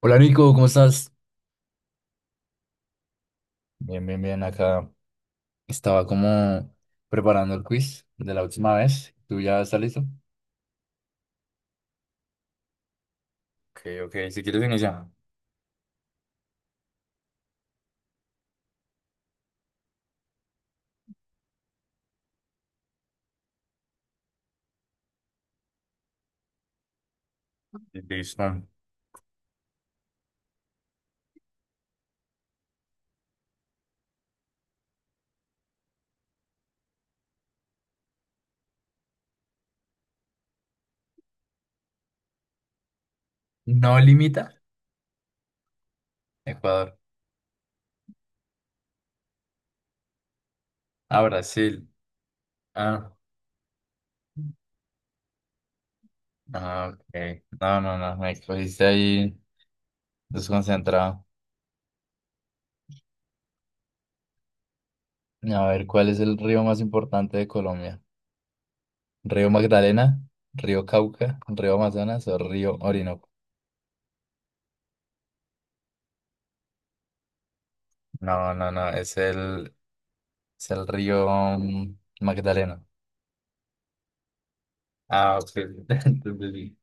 Hola Nico, ¿cómo estás? Bien, bien, bien. Acá estaba como preparando el quiz de la última vez. ¿Tú ya estás listo? Ok, ok. Si quieres iniciar. Listo. No limita Ecuador a Brasil. Ah, ah, ok. No, no, no. Me cogiste ahí desconcentrado. A ver, ¿cuál es el río más importante de Colombia? ¿Río Magdalena? ¿Río Cauca? ¿Río Amazonas o río Orinoco? No, no, no. Es el río Magdalena. Ah, ok, ya entendí.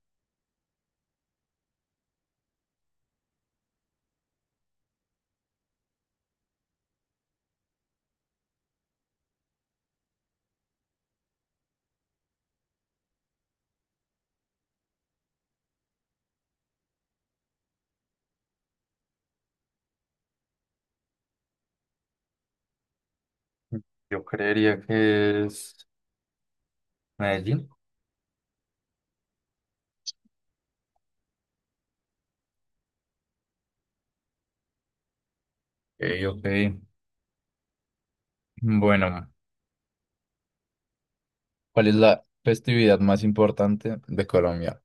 Yo creería que es Medellín. Ok, ok. Bueno, ¿cuál es la festividad más importante de Colombia?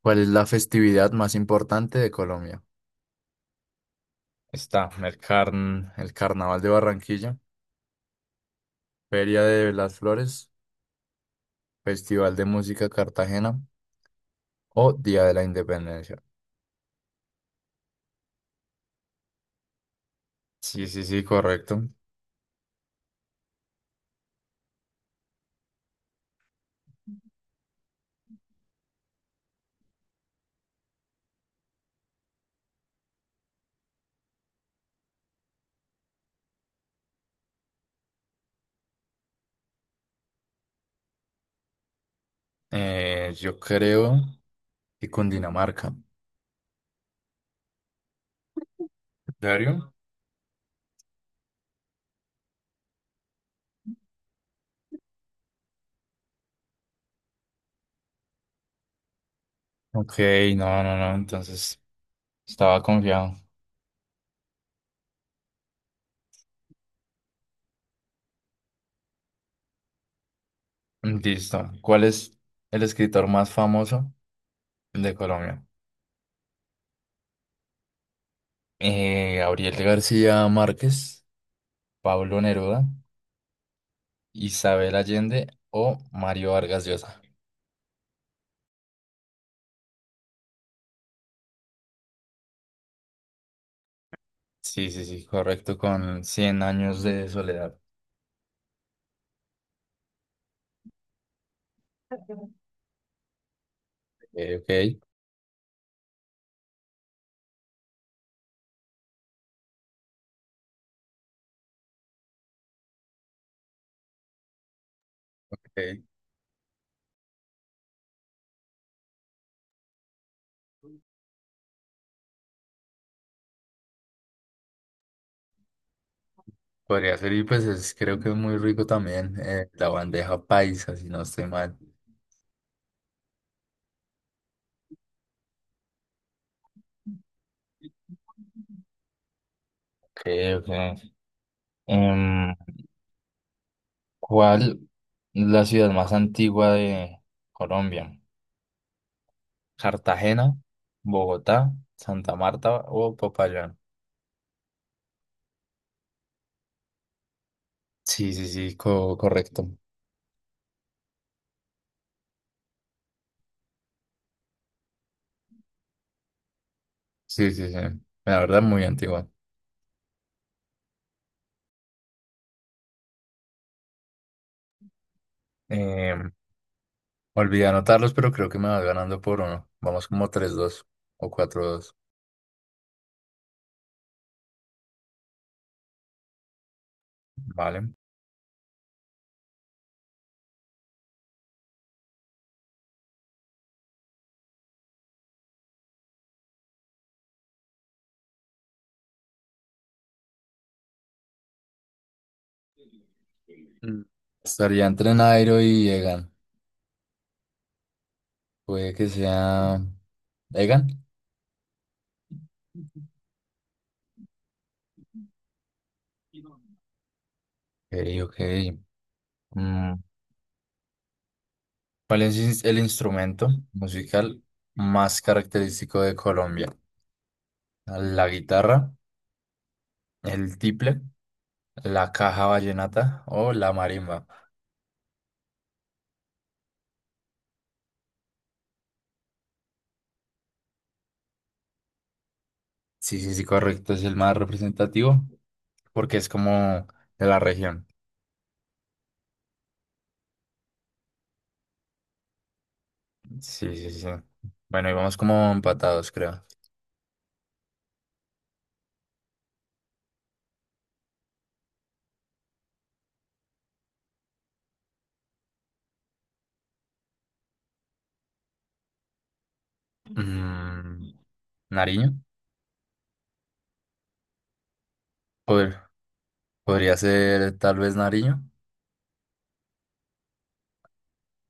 ¿Cuál es la festividad más importante de Colombia? Está el Carnaval de Barranquilla, Feria de las Flores, Festival de Música Cartagena o Día de la Independencia. Sí, sí, sí, correcto. Yo creo que Cundinamarca. ¿En serio? Ok, no, no, no. Entonces estaba confiado. Listo. ¿Cuál es el escritor más famoso de Colombia? Gabriel García Márquez, Pablo Neruda, Isabel Allende o Mario Vargas Llosa. Sí, sí, sí, correcto, con cien años de soledad. Ok, ok. Podría ser, y pues creo que es muy rico también la bandeja paisa, si no estoy mal. Ok, ok. Em, ¿Cuál es la ciudad más antigua de Colombia? Cartagena, Bogotá, Santa Marta o Popayán. Sí, sí, sí, correcto. Sí, sí, sí. La verdad, muy antigua. Eh, Olvidé anotarlos, pero creo que me vas ganando por uno. Vamos como 3-2 o 4-2. Vale. Mm. Estaría entre Nairo y Egan. Puede que sea Egan. Ok, ok. Mm, ¿Cuál es el instrumento musical más característico de Colombia? ¿La guitarra, el tiple, la caja vallenata o la marimba? Sí, sí, sí, correcto. Es el más representativo porque es como de la región. Sí, sí, sí. Bueno, y vamos como empatados, creo. Mm, ¿Nariño? Pod- Podría ser tal vez Nariño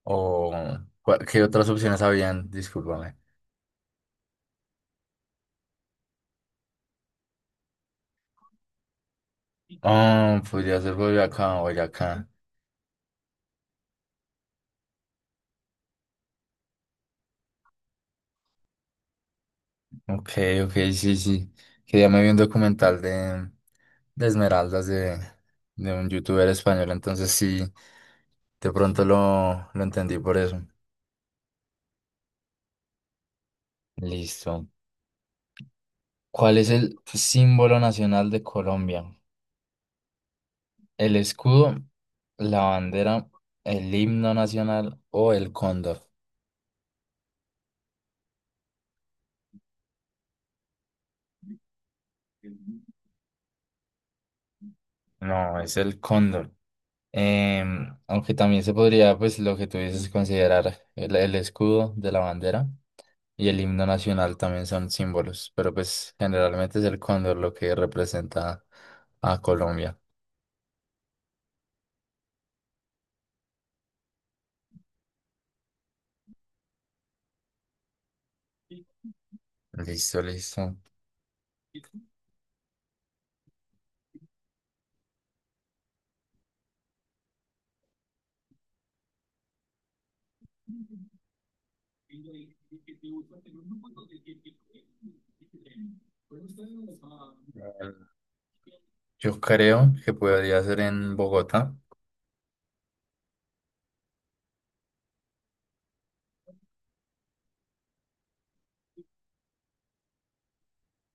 o ¿qué otras opciones habían? Discúlpame. Oh, podría ser Boyacá, Boyacá. Ok, ok, sí, sí. Que ya me vi un documental de, de Esmeraldas de un youtuber español, entonces sí, de pronto lo entendí por eso. Listo. ¿Cuál es el símbolo nacional de Colombia? ¿El escudo, la bandera, el himno nacional o el cóndor? No, es el cóndor. Aunque también se podría, pues lo que tú dices, considerar el escudo de la bandera. Y el himno nacional también son símbolos, pero pues generalmente es el cóndor lo que representa a Colombia. Listo, listo. Yo creo que podría ser en Bogotá.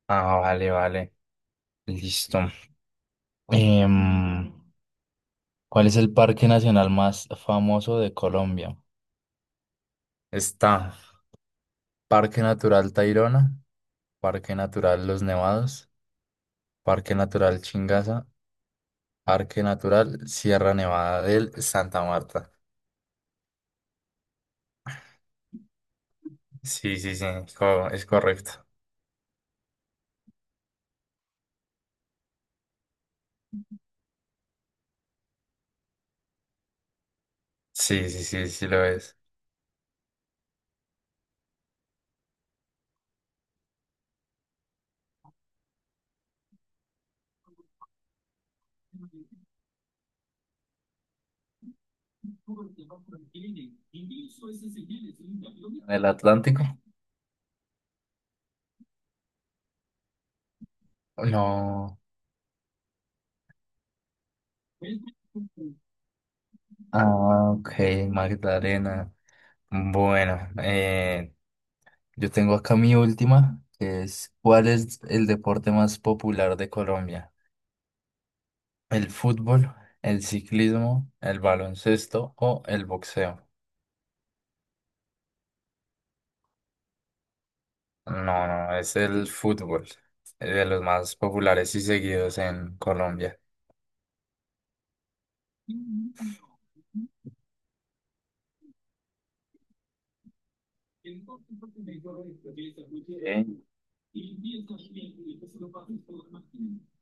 Ah, vale, vale. Listo. Em, ¿Cuál es el parque nacional más famoso de Colombia? Está Parque Natural Tayrona, Parque Natural Los Nevados, Parque Natural Chingaza, Parque Natural Sierra Nevada del Santa Marta. Sí, sí, sí, es correcto. Sí, sí, sí, sí lo es. ¿El Atlántico? No. Ah, ok, Magdalena. Bueno, yo tengo acá mi última, que es ¿cuál es el deporte más popular de Colombia? ¿El fútbol, el ciclismo, el baloncesto o el boxeo? No, no, es el fútbol, de los más populares y seguidos en Colombia. Ok. Y empieza a Y después se lo pasa por los demás.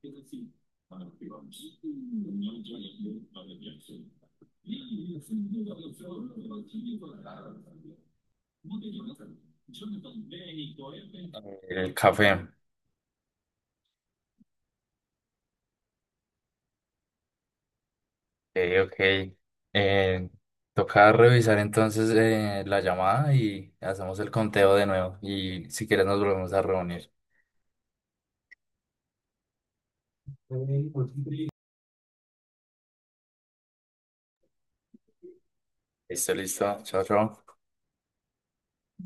Es así. Para que vamos. No hay que para el no. El café. Ok. Eh, Toca revisar entonces la llamada y hacemos el conteo de nuevo. Y si quieres nos volvemos a reunir. Listo, listo. Chao, chao.